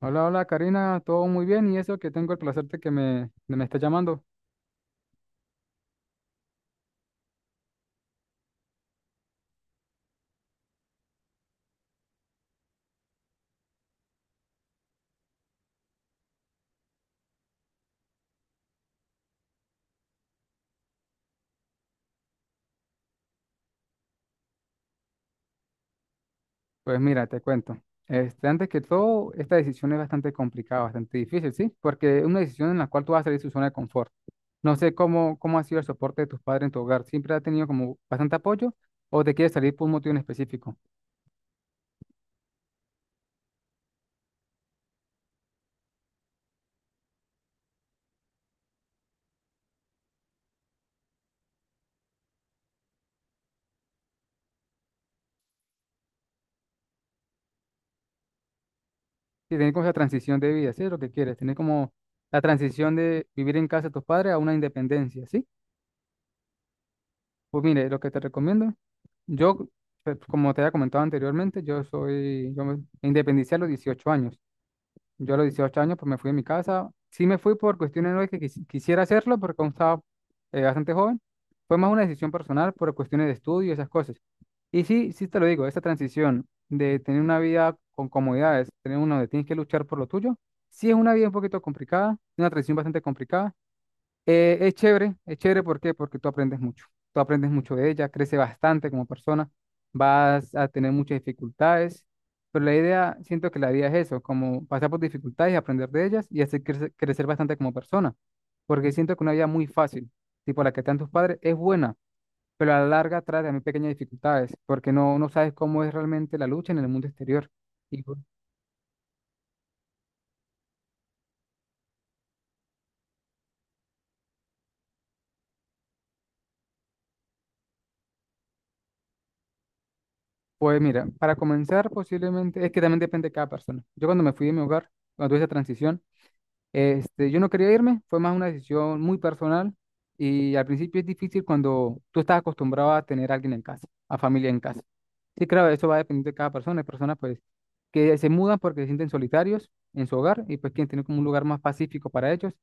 Hola, hola Karina, todo muy bien y eso que tengo el placer de que me estés llamando. Pues mira, te cuento. Este, antes que todo, esta decisión es bastante complicada, bastante difícil, ¿sí? Porque es una decisión en la cual tú vas a salir de tu zona de confort. No sé cómo ha sido el soporte de tus padres en tu hogar. ¿Siempre ha tenido como bastante apoyo o te quieres salir por un motivo en específico? Sí, tener como esa transición de vida, ¿sí? Es lo que quieres, tener como la transición de vivir en casa de tus padres a una independencia, ¿sí? Pues mire, lo que te recomiendo. Yo, pues, como te había comentado anteriormente, yo soy, yo me independicé a los 18 años. Yo a los 18 años pues me fui de mi casa. Sí me fui por cuestiones no de que quisiera hacerlo porque aún estaba bastante joven. Fue más una decisión personal por cuestiones de estudio y esas cosas. Y sí, sí te lo digo, esa transición de tener una vida con comodidades, tener una donde tienes que luchar por lo tuyo, sí es una vida un poquito complicada, una transición bastante complicada, es chévere, ¿por qué? Porque tú aprendes mucho. Tú aprendes mucho de ella, creces bastante como persona, vas a tener muchas dificultades, pero la idea, siento que la vida es eso, como pasar por dificultades, aprender de ellas y hacer crecer, crecer bastante como persona, porque siento que una vida muy fácil, tipo la que te dan tus padres, es buena, pero a la larga trae también pequeñas dificultades, porque no, no sabes cómo es realmente la lucha en el mundo exterior. Y pues mira, para comenzar posiblemente, es que también depende de cada persona. Yo cuando me fui de mi hogar, cuando tuve esa transición, Este, yo no quería irme, fue más una decisión muy personal y al principio es difícil cuando tú estás acostumbrado a tener a alguien en casa, a familia en casa. Sí, claro, eso va dependiendo de cada persona. Hay personas pues que se mudan porque se sienten solitarios en su hogar y pues quieren tener como un lugar más pacífico para ellos.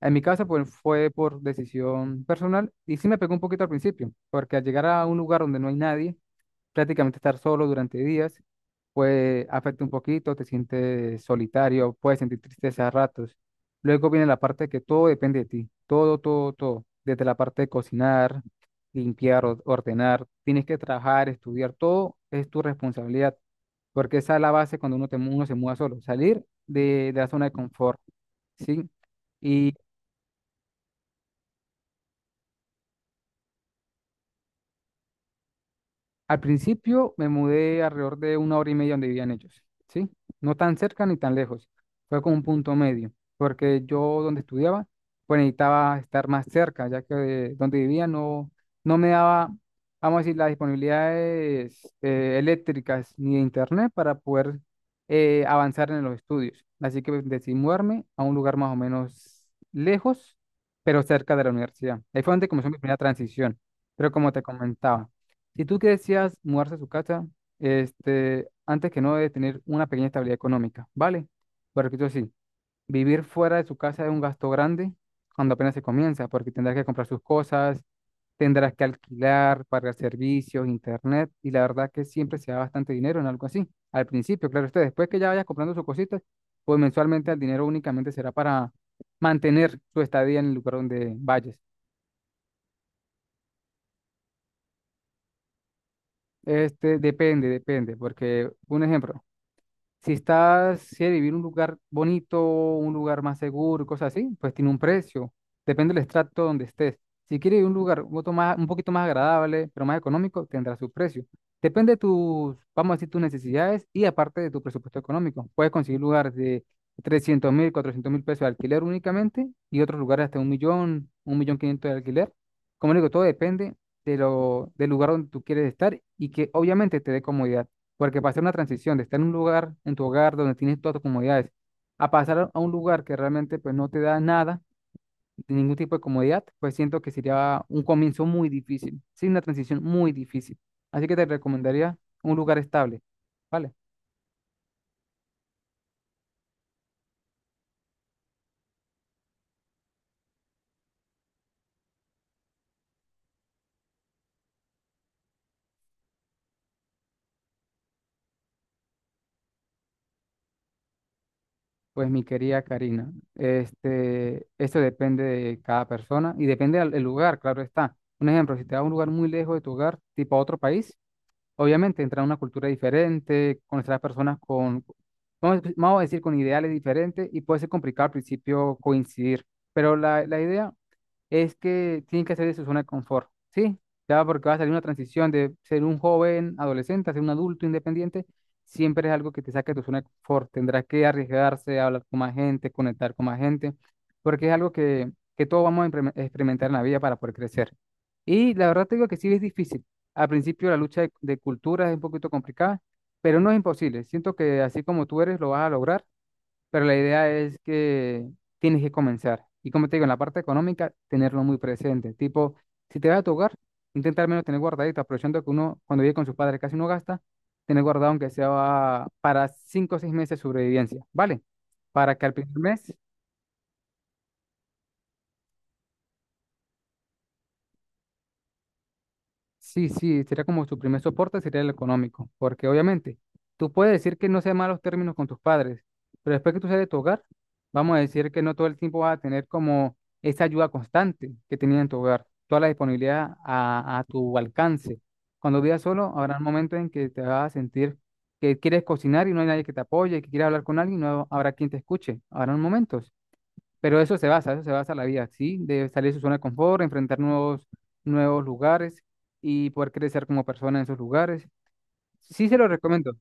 En mi caso pues fue por decisión personal y sí me pegó un poquito al principio, porque al llegar a un lugar donde no hay nadie, prácticamente estar solo durante días, pues afecta un poquito, te sientes solitario, puedes sentir tristeza a ratos. Luego viene la parte que todo depende de ti, todo, todo, todo, desde la parte de cocinar, limpiar, ordenar, tienes que trabajar, estudiar, todo es tu responsabilidad, porque esa es la base cuando uno, uno se muda solo, salir de la zona de confort, ¿sí? Al principio me mudé alrededor de una hora y media donde vivían ellos, ¿sí? No tan cerca ni tan lejos. Fue como un punto medio, porque yo donde estudiaba, pues necesitaba estar más cerca, ya que de donde vivía no, no me daba, vamos a decir, las disponibilidades eléctricas ni de internet para poder avanzar en los estudios. Así que decidí mudarme a un lugar más o menos lejos, pero cerca de la universidad. Ahí fue donde comenzó mi primera transición. Pero como te comentaba, si tú que decías mudarse a su casa, este, antes que no debe tener una pequeña estabilidad económica, ¿vale? Pero repito así, vivir fuera de su casa es un gasto grande cuando apenas se comienza, porque tendrás que comprar sus cosas, tendrás que alquilar, pagar servicios, internet, y la verdad que siempre se da bastante dinero en algo así. Al principio, claro, usted, después que ya vayas comprando sus cositas, pues mensualmente el dinero únicamente será para mantener su estadía en el lugar donde vayas. Este, depende, depende, porque un ejemplo. Si estás, si eres vivir en un lugar bonito, un lugar más seguro, cosas así, pues tiene un precio. Depende del estrato donde estés. Si quieres vivir en un lugar un poquito más agradable, pero más económico, tendrá su precio. Depende de tus, vamos a decir, tus necesidades y aparte de tu presupuesto económico. Puedes conseguir lugares de 300 mil, 400 mil pesos de alquiler únicamente y otros lugares hasta un millón quinientos de alquiler. Como digo, todo depende de lo, del lugar donde tú quieres estar y que obviamente te dé comodidad. Porque pasar una transición de estar en un lugar, en tu hogar, donde tienes todas tus comodidades, a pasar a un lugar que realmente pues no te da nada, de ningún tipo de comodidad, pues siento que sería un comienzo muy difícil, sí, una transición muy difícil. Así que te recomendaría un lugar estable, ¿vale? Pues mi querida Karina, este, esto depende de cada persona y depende del lugar, claro está. Un ejemplo, si te vas a un lugar muy lejos de tu hogar, tipo a otro país, obviamente, entrar a una cultura diferente, conocer a personas con, vamos a decir, con ideales diferentes y puede ser complicado al principio coincidir, pero la idea es que tienen que salir de su zona de confort, ¿sí? Ya porque va a salir una transición de ser un joven adolescente a ser un adulto independiente, siempre es algo que te saca de tu zona de confort. Tendrás que arriesgarse, hablar con más gente, conectar con más gente, porque es algo que todos vamos a experimentar en la vida para poder crecer. Y la verdad te digo que sí es difícil. Al principio la lucha de culturas es un poquito complicada, pero no es imposible. Siento que así como tú eres, lo vas a lograr, pero la idea es que tienes que comenzar. Y como te digo, en la parte económica, tenerlo muy presente. Tipo, si te vas a tu hogar, intenta al menos tener guardadito, aprovechando que uno, cuando vive con sus padres, casi no gasta, tener guardado aunque sea para cinco o seis meses de sobrevivencia, ¿vale? Para que al primer mes. Sí, sí, sería como tu primer soporte, sería el económico, porque obviamente tú puedes decir que no sean malos términos con tus padres, pero después que tú sales de tu hogar, vamos a decir que no todo el tiempo vas a tener como esa ayuda constante que tenías en tu hogar, toda la disponibilidad a tu alcance. Cuando vivas solo, habrá momentos en que te vas a sentir que quieres cocinar y no hay nadie que te apoye, que quieres hablar con alguien y no habrá quien te escuche. Habrán momentos. Pero eso se basa la vida, ¿sí? De salir de su zona de confort, enfrentar nuevos, nuevos lugares y poder crecer como persona en esos lugares. Sí se lo recomiendo.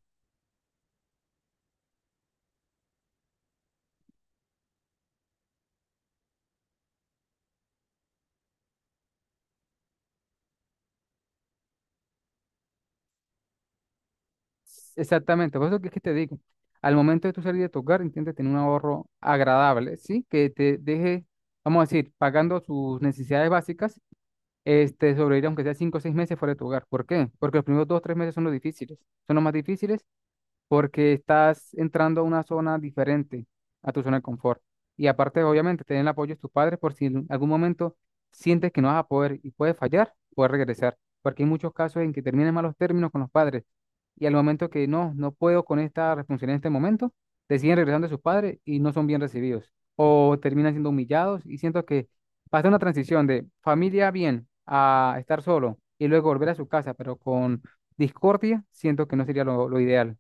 Exactamente, por eso que te digo, al momento de tu salir de tu hogar, intenta tener un ahorro agradable, ¿sí? Que te deje, vamos a decir, pagando sus necesidades básicas, este, sobrevivir aunque sea cinco o seis meses fuera de tu hogar. ¿Por qué? Porque los primeros dos o tres meses son los difíciles, son los más difíciles porque estás entrando a una zona diferente a tu zona de confort. Y aparte, obviamente, tener el apoyo de tus padres por si en algún momento sientes que no vas a poder y puedes fallar, puedes regresar, porque hay muchos casos en que terminan malos términos con los padres y al momento que no, no puedo con esta responsabilidad en este momento, deciden regresando a sus padres y no son bien recibidos o terminan siendo humillados y siento que pasa una transición de familia bien a estar solo y luego volver a su casa, pero con discordia, siento que no sería lo ideal.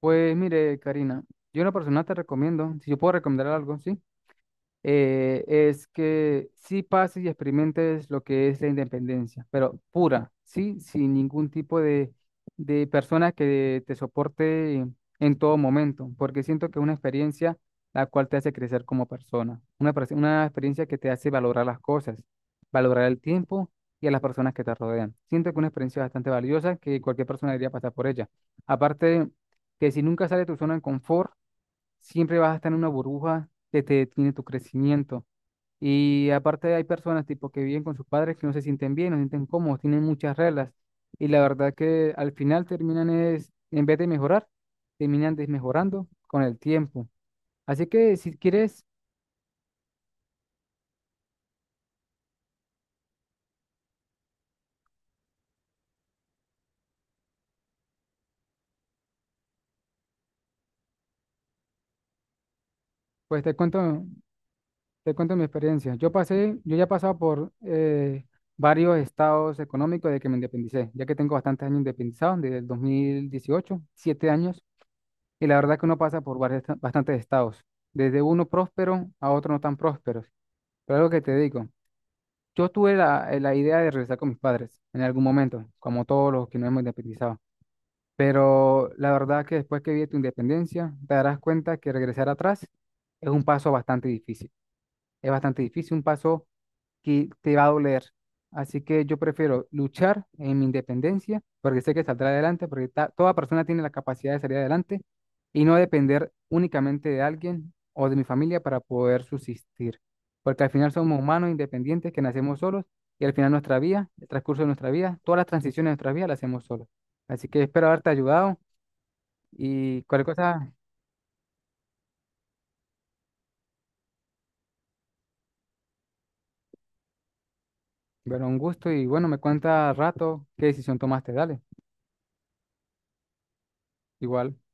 Pues mire, Karina, yo una persona te recomiendo, si yo puedo recomendar algo, ¿sí? Es que sí pases y experimentes lo que es la independencia, pero pura, ¿sí? Sin ningún tipo de persona que te soporte en todo momento, porque siento que es una experiencia la cual te hace crecer como persona, una experiencia que te hace valorar las cosas, valorar el tiempo y a las personas que te rodean. Siento que es una experiencia bastante valiosa que cualquier persona debería pasar por ella. Aparte, que si nunca sale de tu zona de confort, siempre vas a estar en una burbuja que te detiene tu crecimiento. Y aparte hay personas tipo que viven con sus padres que no se sienten bien, no se sienten cómodos, tienen muchas reglas. Y la verdad que al final terminan es, en vez de mejorar, terminan desmejorando con el tiempo. Así que si quieres, pues te cuento mi experiencia. Yo pasé, yo ya he pasado por varios estados económicos de que me independicé, ya que tengo bastantes años independizado, desde el 2018, siete años. Y la verdad que uno pasa por varios- bastantes estados, desde uno próspero a otro no tan prósperos. Pero algo que te digo, yo tuve la idea de regresar con mis padres en algún momento, como todos los que nos hemos independizado. Pero la verdad que después que vi tu independencia, te darás cuenta que regresar atrás es un paso bastante difícil. Es bastante difícil, un paso que te va a doler. Así que yo prefiero luchar en mi independencia porque sé que saldrá adelante, porque toda persona tiene la capacidad de salir adelante y no depender únicamente de alguien o de mi familia para poder subsistir. Porque al final somos humanos independientes que nacemos solos y al final nuestra vida, el transcurso de nuestra vida, todas las transiciones de nuestra vida las hacemos solos. Así que espero haberte ayudado y cualquier cosa, bueno, un gusto y bueno, me cuenta al rato qué decisión tomaste, dale. Igual.